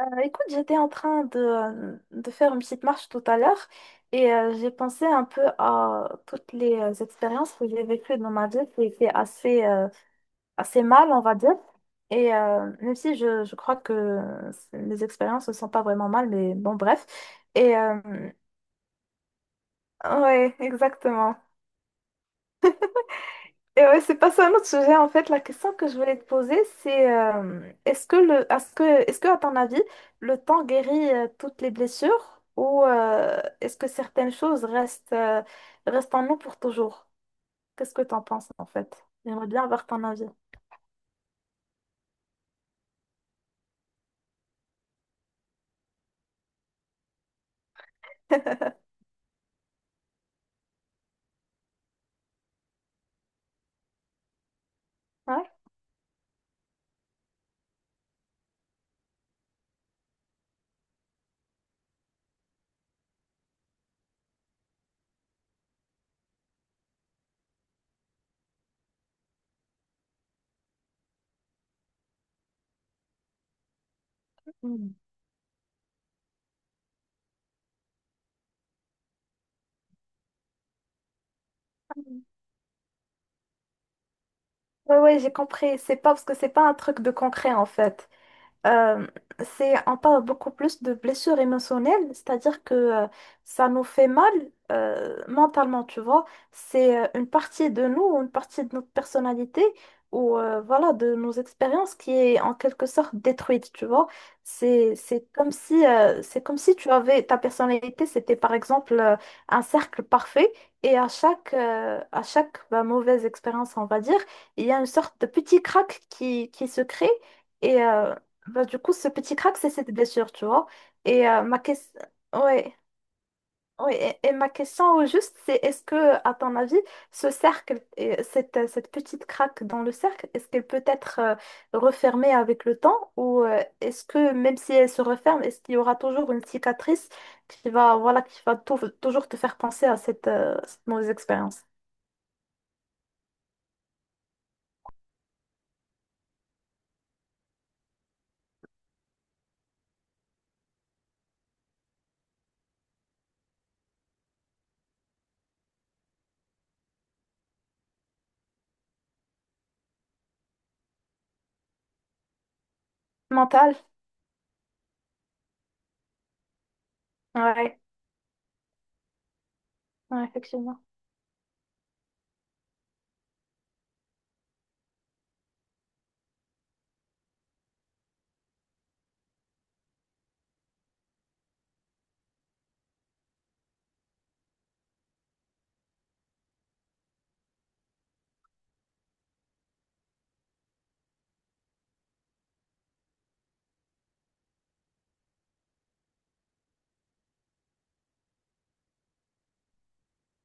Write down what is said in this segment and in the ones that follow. Écoute, j'étais en train de faire une petite marche tout à l'heure et j'ai pensé un peu à toutes les expériences que j'ai vécues dans ma vie qui étaient assez, assez mal, on va dire. Et même si je crois que les expériences ne sont pas vraiment mal, mais bon, bref. Et ouais, exactement. Et ouais, c'est pas ça, un autre sujet en fait. La question que je voulais te poser, c'est est-ce que est-ce que à ton avis, le temps guérit toutes les blessures ou est-ce que certaines choses restent, restent en nous pour toujours? Qu'est-ce que t'en penses en fait? J'aimerais bien avoir ton avis. Ouais. Hmm. Ouais, ouais, j'ai compris. C'est pas parce que c'est pas un truc de concret en fait. Euh, c'est, on parle beaucoup plus de blessures émotionnelles, c'est-à-dire que ça nous fait mal mentalement, tu vois. C'est une partie de nous, une partie de notre personnalité ou voilà, de nos expériences qui est en quelque sorte détruite, tu vois. C'est comme si tu avais ta personnalité, c'était par exemple un cercle parfait et à à chaque bah, mauvaise expérience, on va dire, il y a une sorte de petit crack qui se crée. Et, euh, bah, du coup, ce petit crack, c'est cette blessure, tu vois. Et ma question, ouais, ouais. Et ma question au juste, c'est est-ce que, à ton avis, ce cercle, et cette petite craque dans le cercle, est-ce qu'elle peut être refermée avec le temps ou est-ce que, même si elle se referme, est-ce qu'il y aura toujours une cicatrice qui va, voilà, qui va toujours te faire penser à cette mauvaise expérience mentale? Ouais, ouais, effectivement.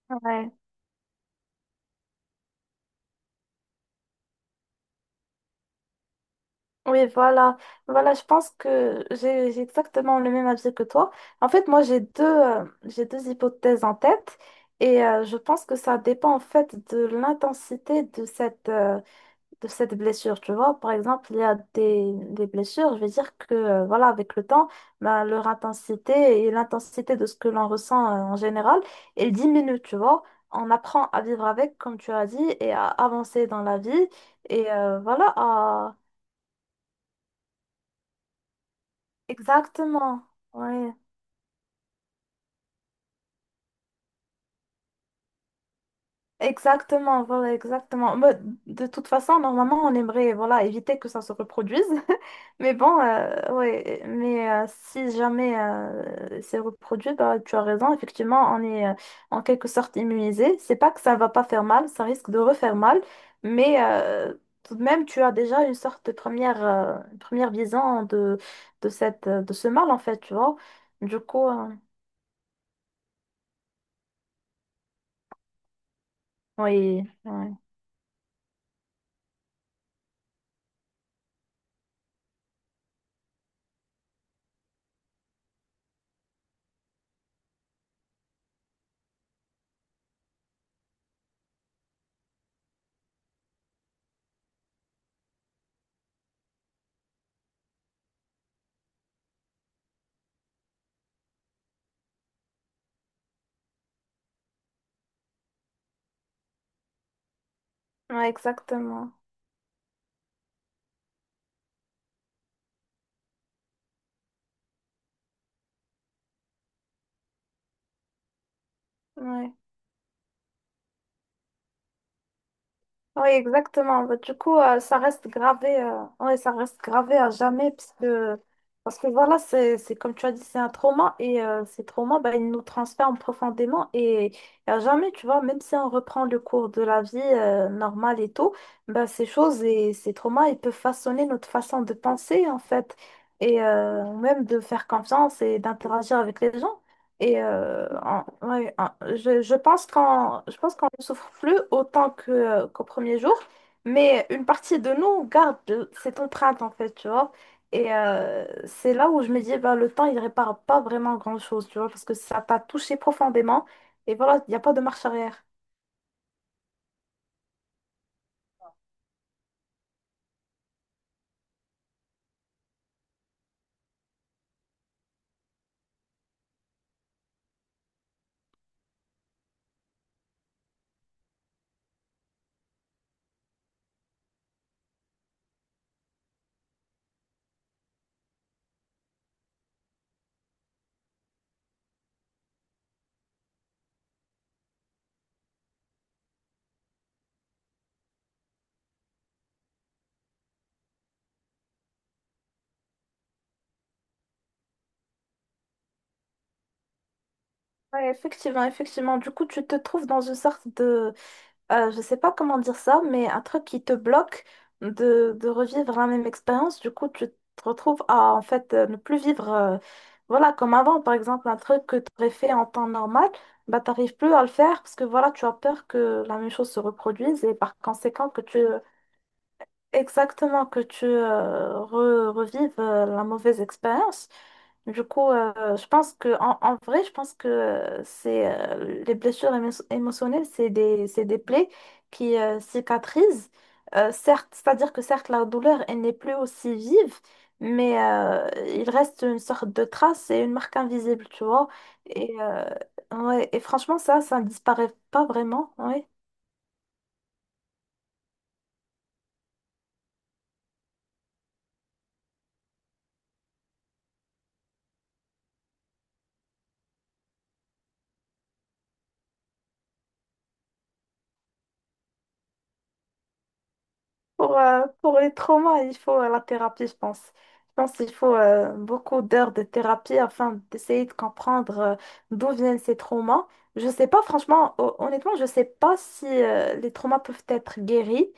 Ouais. Oui, voilà. Voilà, je pense que j'ai exactement le même avis que toi. En fait, moi, j'ai deux hypothèses en tête et je pense que ça dépend en fait de l'intensité de de cette blessure. Tu vois, par exemple, il y a des blessures, je vais dire que voilà, avec le temps, ben, leur intensité et l'intensité de ce que l'on ressent en général, elle diminue, tu vois. On apprend à vivre avec, comme tu as dit, et à avancer dans la vie. Et voilà. Exactement, ouais, exactement, voilà, exactement. Mais de toute façon, normalement, on aimerait, voilà, éviter que ça se reproduise. Mais bon, ouais, mais si jamais c'est reproduit, bah, tu as raison, effectivement, on est en quelque sorte immunisé. C'est pas que ça va pas faire mal, ça risque de refaire mal, mais tout de même, tu as déjà une sorte de une première vision de cette, de ce mal, en fait, tu vois. Du coup, oui, ouais. Ouais, exactement. Ouais. Ouais, exactement. Bah, du coup, ça reste gravé, ouais, ça reste gravé à jamais parce que voilà, c'est comme tu as dit, c'est un trauma et ces traumas, bah, ils nous transforment profondément et à jamais, tu vois, même si on reprend le cours de la vie normale et tout, bah, ces choses et ces traumas, ils peuvent façonner notre façon de penser en fait et même de faire confiance et d'interagir avec les gens. Et je pense qu'on je pense qu'on ne souffre plus autant qu'au premier jour, mais une partie de nous garde cette empreinte en fait, tu vois. Et c'est là où je me dis, bah, le temps, il répare pas vraiment grand-chose, tu vois, parce que ça t'a touché profondément. Et voilà, il n'y a pas de marche arrière. Ouais, effectivement, effectivement. Du coup, tu te trouves dans une sorte de, je sais pas comment dire ça, mais un truc qui te bloque de revivre la même expérience. Du coup, tu te retrouves à en fait ne plus vivre voilà, comme avant. Par exemple, un truc que tu aurais fait en temps normal, bah, t'arrives plus à le faire parce que voilà, tu as peur que la même chose se reproduise et par conséquent que tu exactement que tu revives la mauvaise expérience. Du coup, je pense que en vrai, je pense que c'est les blessures émotionnelles, c'est c'est des plaies qui cicatrisent. Certes, c'est-à-dire que certes, la douleur, elle n'est plus aussi vive, mais il reste une sorte de trace et une marque invisible, tu vois. Et, euh, ouais, et franchement, ça ne disparaît pas vraiment. Ouais. Pour les traumas, il faut la thérapie, je pense. Je pense qu'il faut beaucoup d'heures de thérapie afin d'essayer de comprendre d'où viennent ces traumas. Je sais pas, franchement, honnêtement, je sais pas si les traumas peuvent être guéris,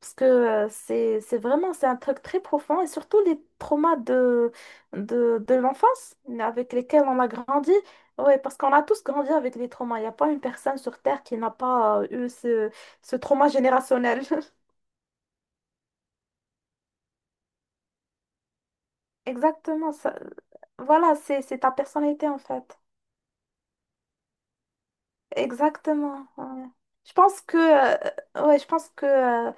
parce que c'est vraiment, c'est un truc très profond, et surtout les traumas de l'enfance avec lesquels on a grandi. Ouais, parce qu'on a tous grandi avec les traumas. Il n'y a pas une personne sur Terre qui n'a pas eu ce trauma générationnel. Exactement, ça... voilà, c'est ta personnalité en fait. Exactement. Ouais. Je pense que, ouais, je pense que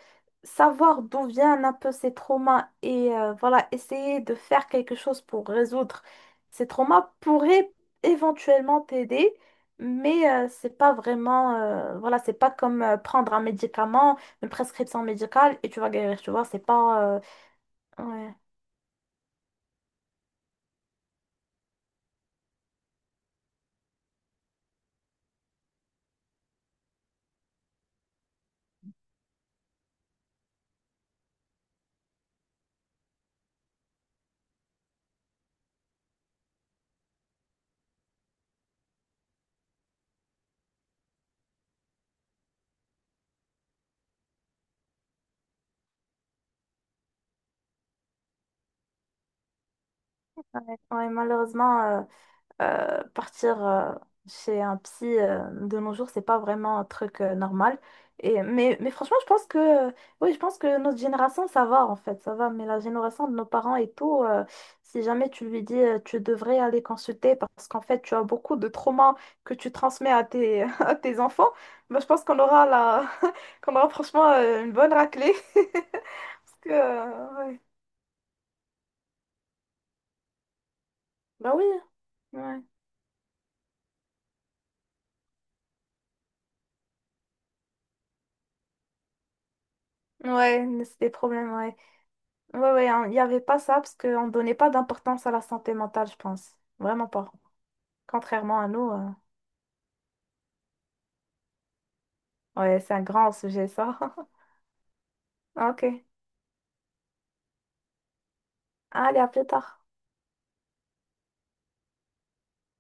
savoir d'où viennent un peu ces traumas et voilà, essayer de faire quelque chose pour résoudre ces traumas pourrait éventuellement t'aider, mais c'est pas vraiment, voilà, c'est pas comme prendre un médicament, une prescription médicale et tu vas guérir, tu vois, c'est pas, ouais, ouais, malheureusement. Partir chez un psy de nos jours, c'est pas vraiment un truc normal. Et, mais franchement, je pense que, oui, je pense que notre génération, ça va en fait, ça va. Mais la génération de nos parents et tout, si jamais tu lui dis, tu devrais aller consulter parce qu'en fait, tu as beaucoup de traumas que tu transmets à tes, à tes enfants, bah, je pense qu'on aura la... qu'on aura franchement une bonne raclée. Parce que, ouais. Bah oui. Ouais, ouais, mais c'est des problèmes, ouais. Ouais, ouais, hein, il n'y avait pas ça parce qu'on ne donnait pas d'importance à la santé mentale, je pense. Vraiment pas. Contrairement à nous. Euh, ouais, c'est un grand sujet, ça. Ok. Allez, à plus tard.